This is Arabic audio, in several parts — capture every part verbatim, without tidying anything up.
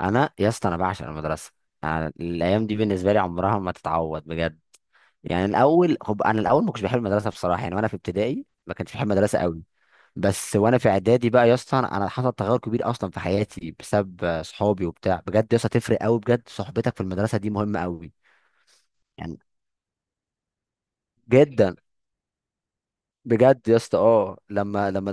انا يا اسطى انا بعشق المدرسه. أنا الايام دي بالنسبه لي عمرها ما تتعوض بجد. يعني الاول خب انا الاول ما كنتش بحب المدرسه بصراحه، يعني وانا في ابتدائي ما كنتش بحب المدرسه قوي. بس وانا في اعدادي بقى يا اسطى، انا أنا حصل تغير كبير اصلا في حياتي بسبب آه، صحابي وبتاع. بجد يا اسطى تفرق قوي، بجد صحبتك في المدرسه دي مهمه قوي. يعني جدا. بجد يا اسطى، اه لما لما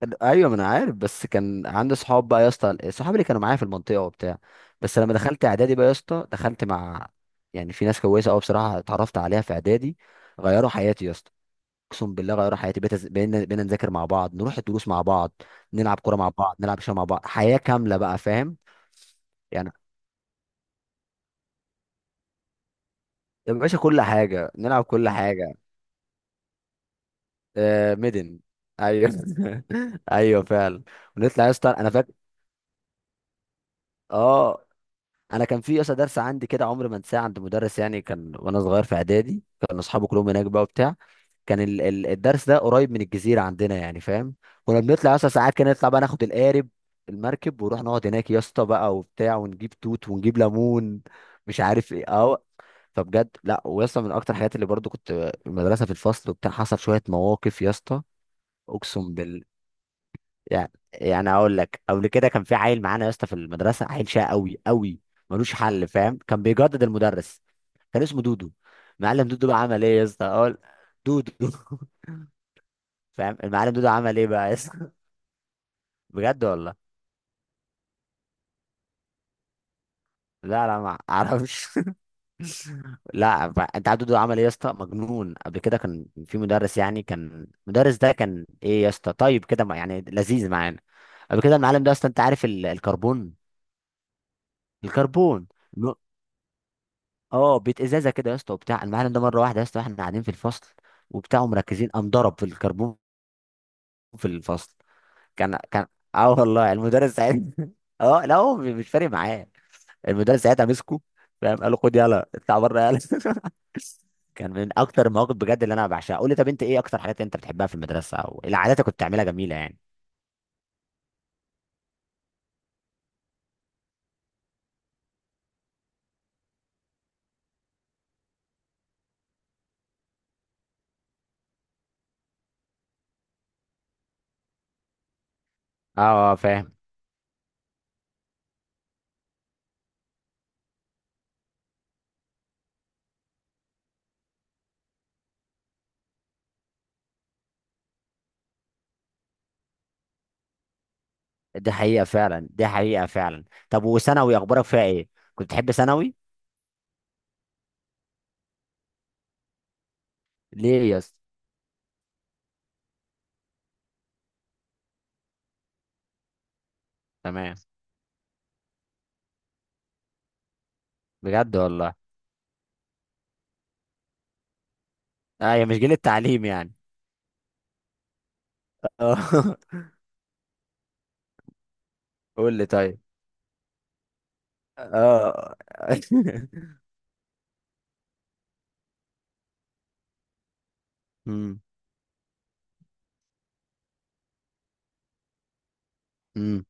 كان- ايوه ما انا عارف. بس كان عندي صحاب بقى يا اسطى، الصحاب اللي كانوا معايا في المنطقه وبتاع. بس لما دخلت اعدادي بقى يا اسطى دخلت مع يعني في ناس كويسه قوي بصراحه اتعرفت عليها في اعدادي، غيروا حياتي يا اسطى، اقسم بالله غيروا حياتي. بقيت أز- بقينا بقينا نذاكر مع بعض، نروح الدروس مع بعض، نلعب كوره مع بعض، نلعب شويه مع بعض، حياه كامله بقى، فاهم؟ يعني يا باشا كل حاجه نلعب، كل حاجه. آه ميدن. ايوه ايوه فعلا. ونطلع يا اسطى، انا فاكر اه. انا كان في اصلا درس عندي كده عمري ما انساه، عند مدرس يعني كان وانا صغير في اعدادي، كان اصحابي كلهم هناك بقى وبتاع. كان ال- ال- الدرس ده قريب من الجزيره عندنا يعني، فاهم؟ كنا بنطلع اصلا ساعات كده، نطلع بقى ناخد القارب، المركب، ونروح نقعد هناك يا اسطى بقى وبتاع، ونجيب توت ونجيب ليمون مش عارف ايه اه. فبجد لا ويا اسطى من اكتر الحاجات اللي برضو كنت المدرسه في الفصل وبتاع حصل شويه مواقف يا اسطى. اقسم بالله. يعني يعني اقول لك، قبل كده كان في عيل معانا يا اسطى في المدرسه، عيل شقي قوي قوي ملوش حل، فاهم؟ كان بيجدد المدرس. كان اسمه دودو. معلم دودو بقى عمل ايه يا اسطى، اقول؟ دودو فاهم المعلم دودو عمل ايه بقى يا اسطى؟ بجد والله. لا لا ما اعرفش لا، ف- انت عارف دودو عمل ايه يا اسطى، مجنون. قبل كده كان في مدرس يعني، كان المدرس ده كان ايه يا اسطى، طيب كده ما- يعني لذيذ معانا. قبل كده المعلم ده اصلا انت عارف ال- الكربون. الكربون اه بيت ازازه كده يا اسطى وبتاع. المعلم ده مره واحده يا اسطى واحنا قاعدين في الفصل وبتاع مركزين، قام ضرب في الكربون في الفصل. كان كان اه والله المدرس ساعتها اه لا هو مش فارق معاه. المدرس ساعتها مسكه، فاهم، قال له خد يلا اطلع بره يلا كان من اكتر المواقف بجد اللي انا بعشقها. قول لي، طب انت ايه اكتر حاجات انت بتحبها في المدرسه او إيه العادات اللي كنت بتعملها جميله يعني؟ اه اه فاهم. دي حقيقه فعلا، دي حقيقه فعلا. طب وثانوي اخبارك فيها ايه؟ كنت تحب ثانوي؟ ليه يا اسطى؟ تمام. بجد والله. ايوه مش جيل التعليم يعني. اه قول لي طيب. اه امم، امم.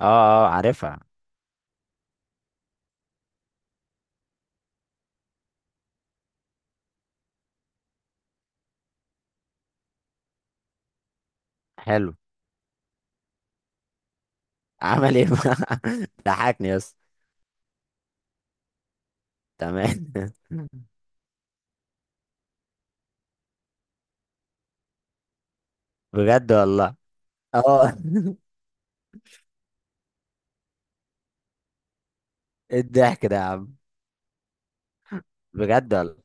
اه اه عارفها. حلو. عمل ايه بقى؟ ضحكني يس. تمام بجد والله. اه ايه الضحك ده يا عم؟ بجد والله.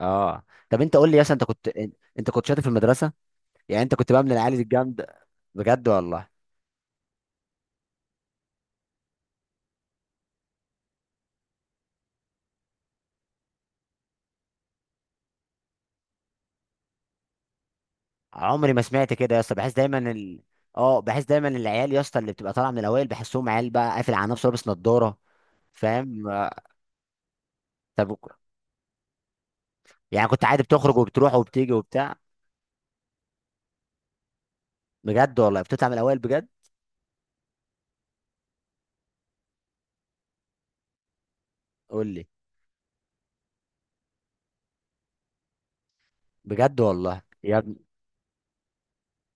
اه طب انت قول لي يس، انت كنت انت كنت شاطر في المدرسه؟ يعني انت كنت بقى من العيال الجامده؟ بجد والله. عمري ما سمعت كده يا اسطى، بحس دايما ال... اه بحس دايما العيال يا اسطى اللي بتبقى طالعه من الاوائل بحسهم عيال بقى قافل على نفسه لابس نضاره. فاهم آه، طب يعني كنت عادي بتخرج وبتروح وبتيجي وبتاع؟ بجد والله بتطلع من الاوائل بجد. قول لي. بجد والله يا ابن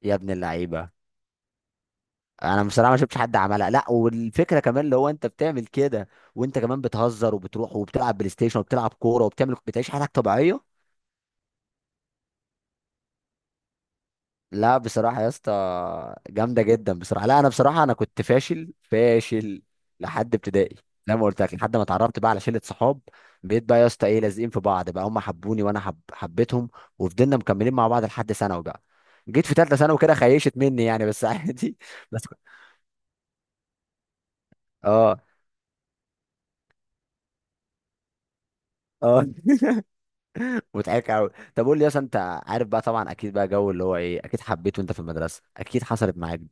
يا ابن اللعيبه. انا بصراحه ما شفتش حد عملها، لا، والفكره كمان اللي هو انت بتعمل كده وانت كمان بتهزر وبتروح وبتلعب بلاي ستيشن وبتلعب كوره وبتعمل بتعيش حياتك طبيعيه. لا بصراحة يا اسطى، جامدة جدا بصراحة. لا أنا بصراحة أنا كنت فاشل فاشل لحد ابتدائي، زي ما قلت لك لحد ما اتعرفت بقى على شلة صحاب. بقيت بقى يا اسطى إيه لازقين في بعض بقى، هم حبوني وأنا حب... حبيتهم. وفضلنا مكملين مع بعض لحد ثانوي بقى. جيت في تالتة ثانوي كده خيشت مني يعني، بس عادي بس كنت- اه اه مضحك قوي. طب قول لي يا اسطى أنت، عارف بقى طبعا أكيد بقى جو اللي هو إيه أكيد حبيته أنت في المدرسة، أكيد حصلت معاك دي.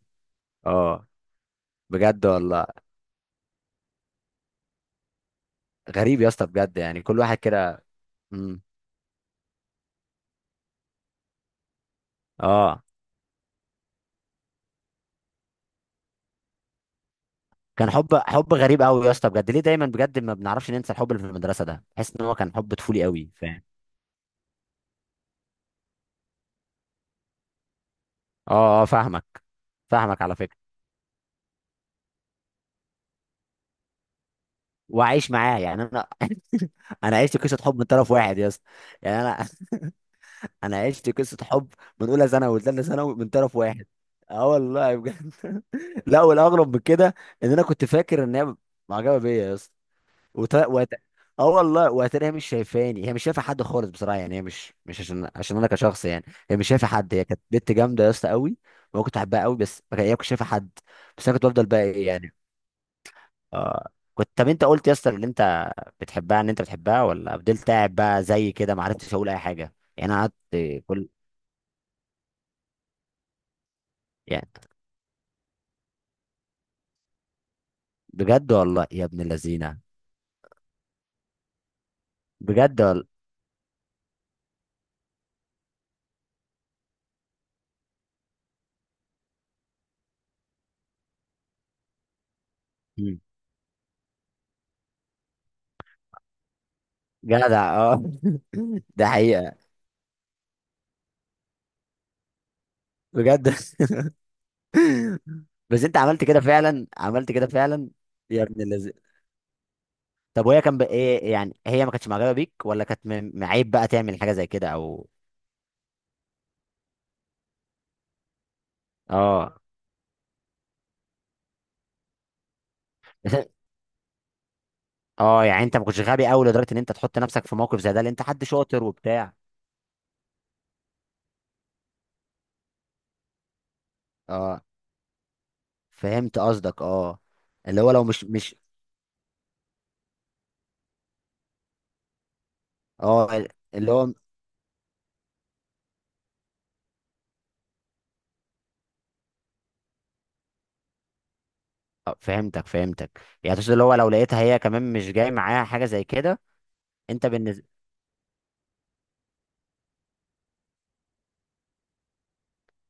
اه بجد والله. غريب يا اسطى بجد، يعني كل واحد كده. اه كان حب حب غريب قوي يا اسطى بجد، ليه دايما بجد ما بنعرفش ننسى الحب اللي في المدرسه ده، بحس ان هو كان حب طفولي قوي فاهم. اه اه فاهمك، فاهمك على فكره. وعايش معاه يعني انا انا عشت قصه حب من طرف واحد يا اسطى. يعني انا انا عشت قصه حب من اولى ثانوي وثالثه ثانوي من طرف واحد. اه والله بجد. لا والاغرب من كده ان انا كنت فاكر ان هي معجبه بيا يا اسطى وت... وت... اه والله وهتلاقيها مش شايفاني، هي مش شايفه حد خالص بصراحه، يعني هي مش مش عشان عشان انا كشخص، يعني هي مش شايفه حد، هي كانت بنت جامده يا اسطى قوي. وانا كنت بحبها قوي، بس ما كان- هي ما كانتش شايفه حد. بس انا كنت بفضل بقى ايه يعني. آه كنت طب انت قلت يا اسطى ان انت بتحبها، ان انت بتحبها ولا فضلت قاعد بقى زي كده ما عرفتش اقول اي حاجه يعني، انا قعدت كل. يعني بجد والله يا ابن اللذينه. بجد والله. مم. جدع اه. ده حقيقه. بجد بس انت عملت كده فعلا، عملت كده فعلا. يا ابن اللذين. طب وهي كان بقى ايه، يعني هي ما كانتش معجبه بيك، ولا كانت م- معيب بقى تعمل حاجه زي كده او؟ اه اه يعني انت ما كنتش غبي قوي لدرجه ان انت تحط نفسك في موقف زي ده، لان انت حد شاطر وبتاع. اه فهمت قصدك اه. اللي هو لو مش مش. اه اللي هو. اه، فهمتك فهمتك يعني تقصد اللي هو لو لقيتها هي كمان مش جاي معاها حاجه زي كده. انت بالنسبه.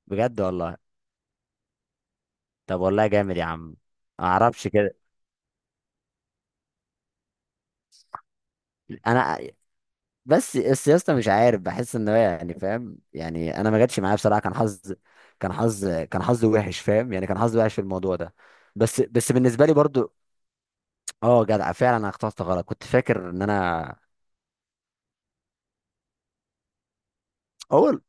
بجد والله. طب والله جامد يا عم. ما اعرفش كده. انا. بس السياسة مش عارف بحس ان هو يعني فاهم، يعني انا ما جاتش معايا بصراحه كان حظ كان حظ كان حظي وحش فاهم، يعني كان حظي وحش في الموضوع ده. بس بس بالنسبه لي برضو. اه جدع فعلا انا اخترت غلط، كنت فاكر ان انا اول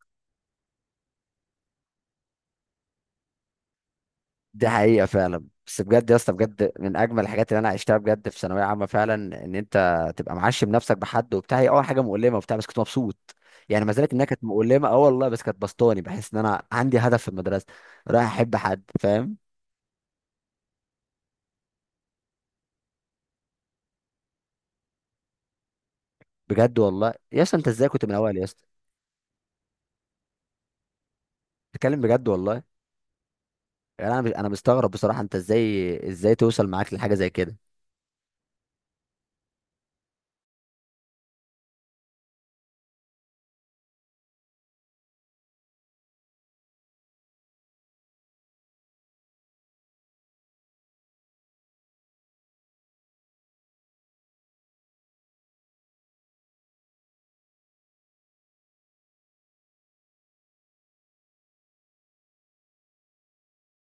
دي حقيقه فعلا، بس بجد يا اسطى بجد من اجمل الحاجات اللي انا عشتها بجد في ثانويه عامه فعلا، ان انت تبقى معشم نفسك بحد وبتاع. هي اول حاجه مؤلمه وبتاع بس كنت مبسوط، يعني ما زالت انها كانت مؤلمه اه والله، بس كانت بسطاني، بحس ان انا عندي هدف في المدرسه، رايح احب حد فاهم. بجد والله يا اسطى انت ازاي كنت من الاول يا اسطى. بتتكلم بجد والله. يعني انا مش- انا مستغرب بصراحه انت ازاي ازاي توصل معاك لحاجه زي كده.